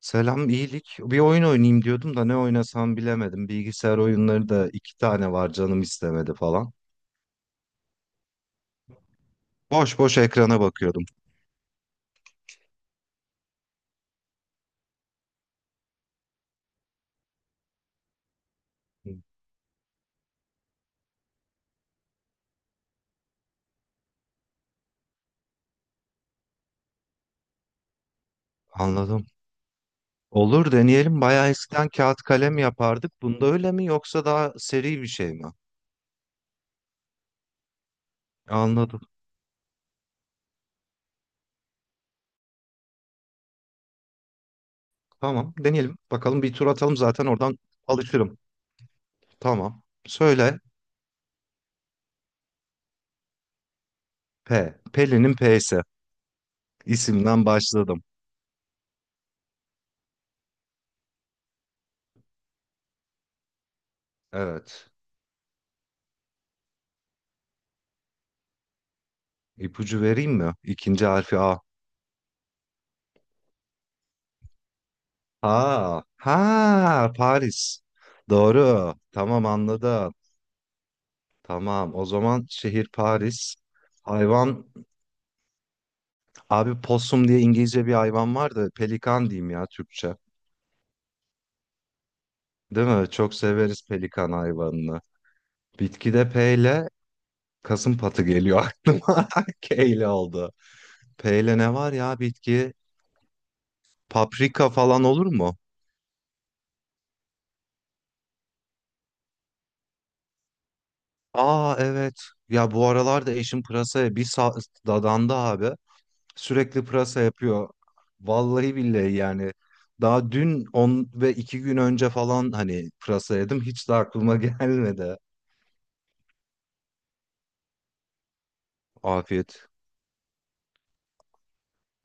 Selam, iyilik. Bir oyun oynayayım diyordum da ne oynasam bilemedim. Bilgisayar oyunları da iki tane var, canım istemedi falan. Boş boş ekrana bakıyordum. Hı. Anladım. Olur, deneyelim. Bayağı eskiden kağıt kalem yapardık. Bunda öyle mi, yoksa daha seri bir şey mi? Anladım. Tamam, deneyelim. Bakalım, bir tur atalım zaten oradan alışırım. Tamam. Söyle. P. Pelin'in P'si. İsimden başladım. Evet. İpucu vereyim mi? İkinci harfi A. Ha, ha, Paris. Doğru. Tamam, anladım. Tamam. O zaman şehir Paris. Hayvan, abi, possum diye İngilizce bir hayvan var da pelikan diyeyim ya, Türkçe. Değil mi? Çok severiz pelikan hayvanını. Bitkide P ile kasımpatı geliyor aklıma. K ile oldu. P ile ne var ya bitki? Paprika falan olur mu? Aa, evet. Ya bu aralar da eşim pırasaya bir dadandı abi. Sürekli pırasa yapıyor. Vallahi billahi yani. Daha dün 10 ve 2 gün önce falan hani pırasa yedim. Hiç de aklıma gelmedi. Afiyet.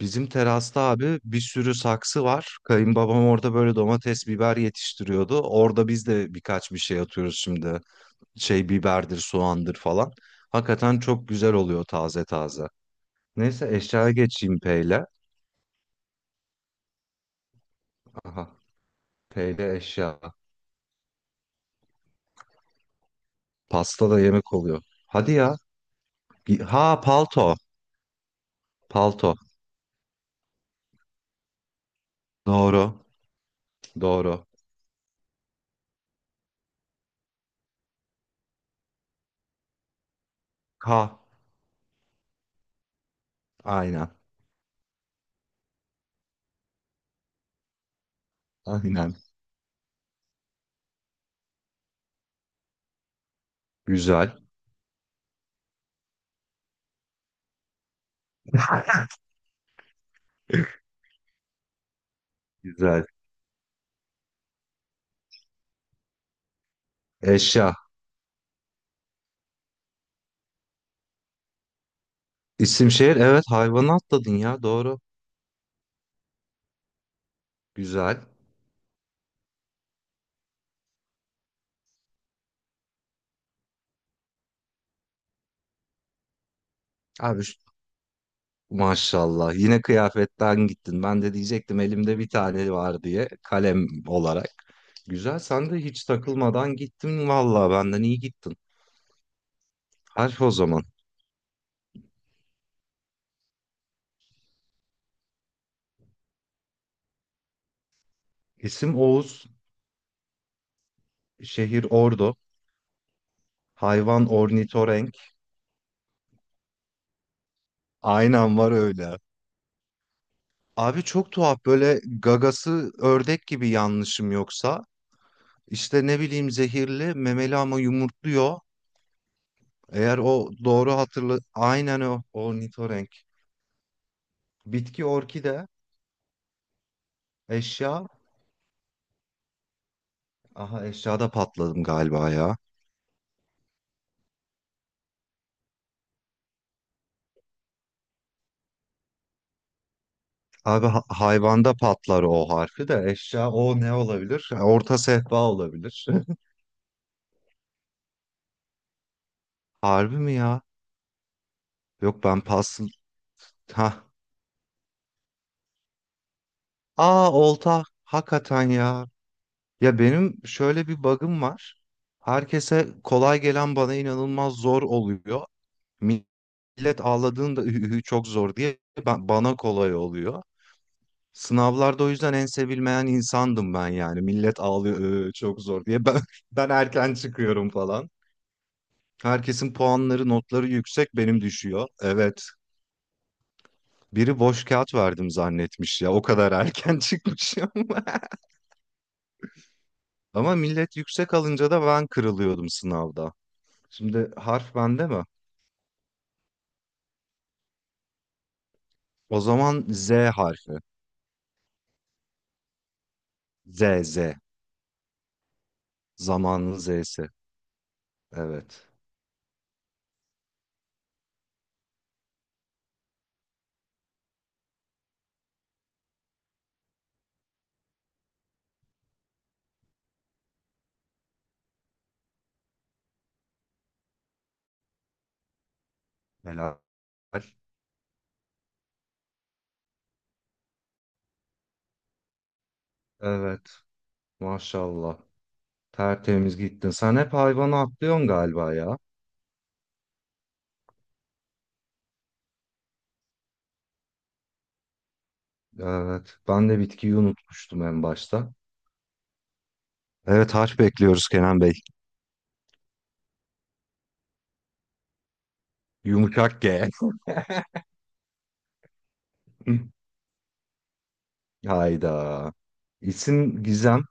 Bizim terasta abi bir sürü saksı var. Kayınbabam orada böyle domates, biber yetiştiriyordu. Orada biz de birkaç bir şey atıyoruz şimdi. Şey, biberdir, soğandır falan. Hakikaten çok güzel oluyor, taze taze. Neyse, eşyaya geçeyim peyle. Aha, peyle eşya. Pasta da yemek oluyor. Hadi ya. Ha, palto. Palto. Doğru. Doğru. K. Aynen. Aynen. Güzel. Güzel. Eşya. İsim şehir. Evet, hayvanı atladın ya. Doğru. Güzel. Abi, maşallah. Yine kıyafetten gittin. Ben de diyecektim elimde bir tane var diye. Kalem olarak. Güzel. Sen de hiç takılmadan gittin. Vallahi benden iyi gittin. Harf o zaman. İsim Oğuz. Şehir Ordu. Hayvan ornitorenk. Aynen, var öyle. Abi, çok tuhaf, böyle gagası ördek gibi, yanlışım yoksa. İşte ne bileyim, zehirli memeli ama yumurtluyor. Eğer o doğru hatırlı, aynen, o ornitorenk. Bitki orkide. Eşya. Aha, eşyada patladım galiba ya. Abi, hayvanda patlar o harfi de, eşya o ne olabilir? Orta sehpa olabilir. Harbi mi ya? Yok, ben pas. Ha. Aa, olta. Hakikaten ya. Ya, benim şöyle bir bug'ım var. Herkese kolay gelen bana inanılmaz zor oluyor. Millet ağladığında "Üh, üh, üh, çok zor" diye, ben, bana kolay oluyor. Sınavlarda o yüzden en sevilmeyen insandım ben yani. Millet ağlıyor "Ö, çok zor" diye. Ben, ben erken çıkıyorum falan. Herkesin puanları, notları yüksek, benim düşüyor. Evet, biri boş kağıt verdim zannetmiş ya. O kadar erken çıkmışım. Ama millet yüksek alınca da ben kırılıyordum sınavda. Şimdi harf bende mi? O zaman Z harfi. Z, Z. Zamanın Z'si. Evet. Helal. Evet. Maşallah. Tertemiz gittin. Sen hep hayvanı atlıyorsun galiba ya. Evet. Ben de bitkiyi unutmuştum en başta. Evet, harf bekliyoruz Kenan Bey. Yumuşak G. Hayda. İsim Gizem.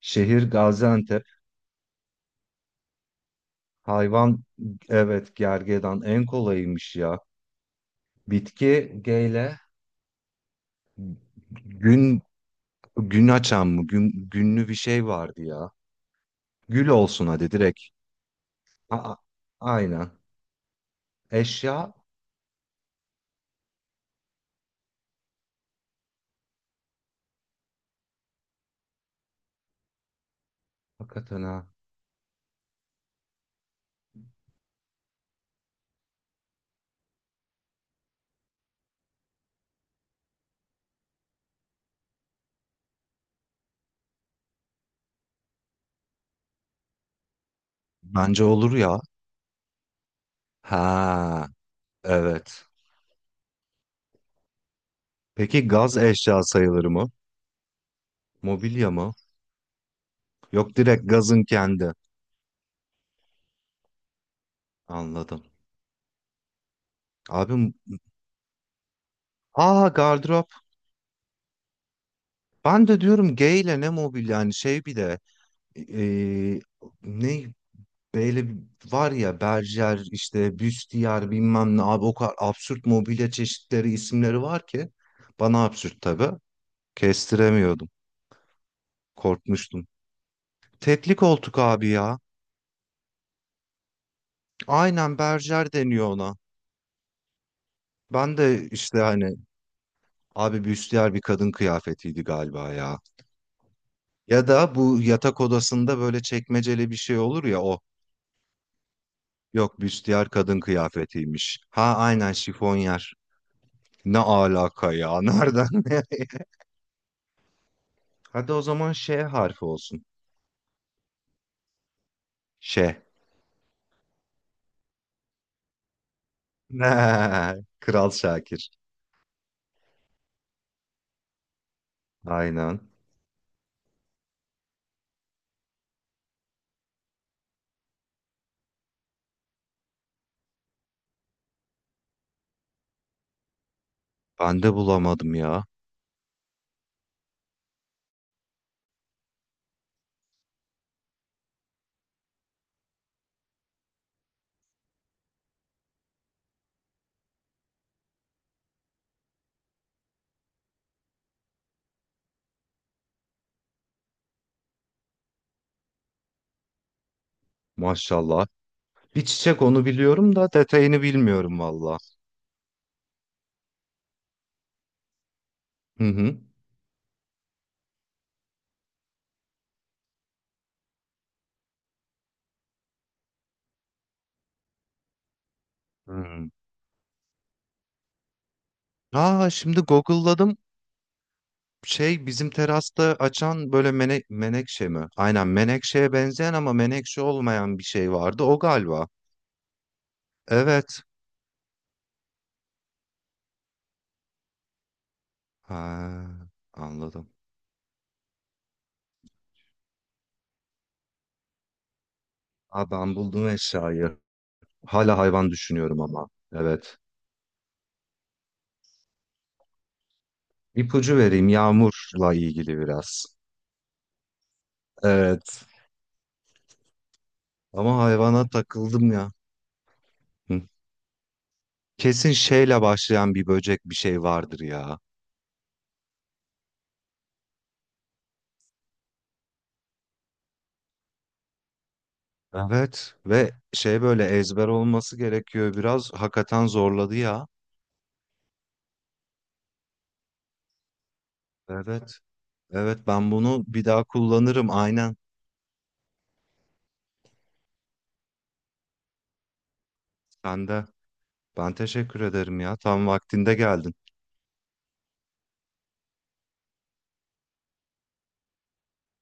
Şehir Gaziantep. Hayvan, evet gergedan en kolayıymış ya. Bitki G ile gün. Gün açan mı? Gün, günlü bir şey vardı ya. Gül olsun hadi direkt. Aa, aynen. Eşya, hakikaten ha. Bence olur ya. Ha, evet. Peki gaz eşya sayılır mı? Mobilya mı? Yok, direkt gazın kendi. Anladım. Abim, aa, gardırop. Ben de diyorum G ile ne mobilya yani, şey bir de e, e, ne, böyle var ya Berger, işte Büstiyar bilmem ne, abi o kadar absürt mobilya çeşitleri, isimleri var ki bana absürt tabii. Kestiremiyordum. Korkmuştum. Tekli koltuk abi ya. Aynen, Berger deniyor ona. Ben de işte hani, abi Büstiyar bir kadın kıyafetiydi galiba ya. Ya da bu yatak odasında böyle çekmeceli bir şey olur ya, o. Yok, Büstiyar kadın kıyafetiymiş. Ha, aynen, şifonyer. Ne alaka ya? Nereden? Hadi o zaman Ş harfi olsun. Ş. Kral Şakir. Aynen. Ben de bulamadım ya. Maşallah. Bir çiçek, onu biliyorum da detayını bilmiyorum valla. Hı hı. Hmm. Aa, şimdi Google'ladım. Şey, bizim terasta açan böyle menekşe mi? Aynen, menekşeye benzeyen ama menekşe olmayan bir şey vardı. O galiba. Evet. Ha, anladım. Aa, ben buldum eşyayı. Hala hayvan düşünüyorum ama. Evet. İpucu vereyim, yağmurla ilgili biraz. Evet. Ama hayvana takıldım ya. Hı. Kesin şeyle başlayan bir böcek bir şey vardır ya. Evet, ve şey, böyle ezber olması gerekiyor biraz. Hakikaten zorladı ya. Evet. Evet, ben bunu bir daha kullanırım aynen. Sen de. Ben teşekkür ederim ya. Tam vaktinde geldin.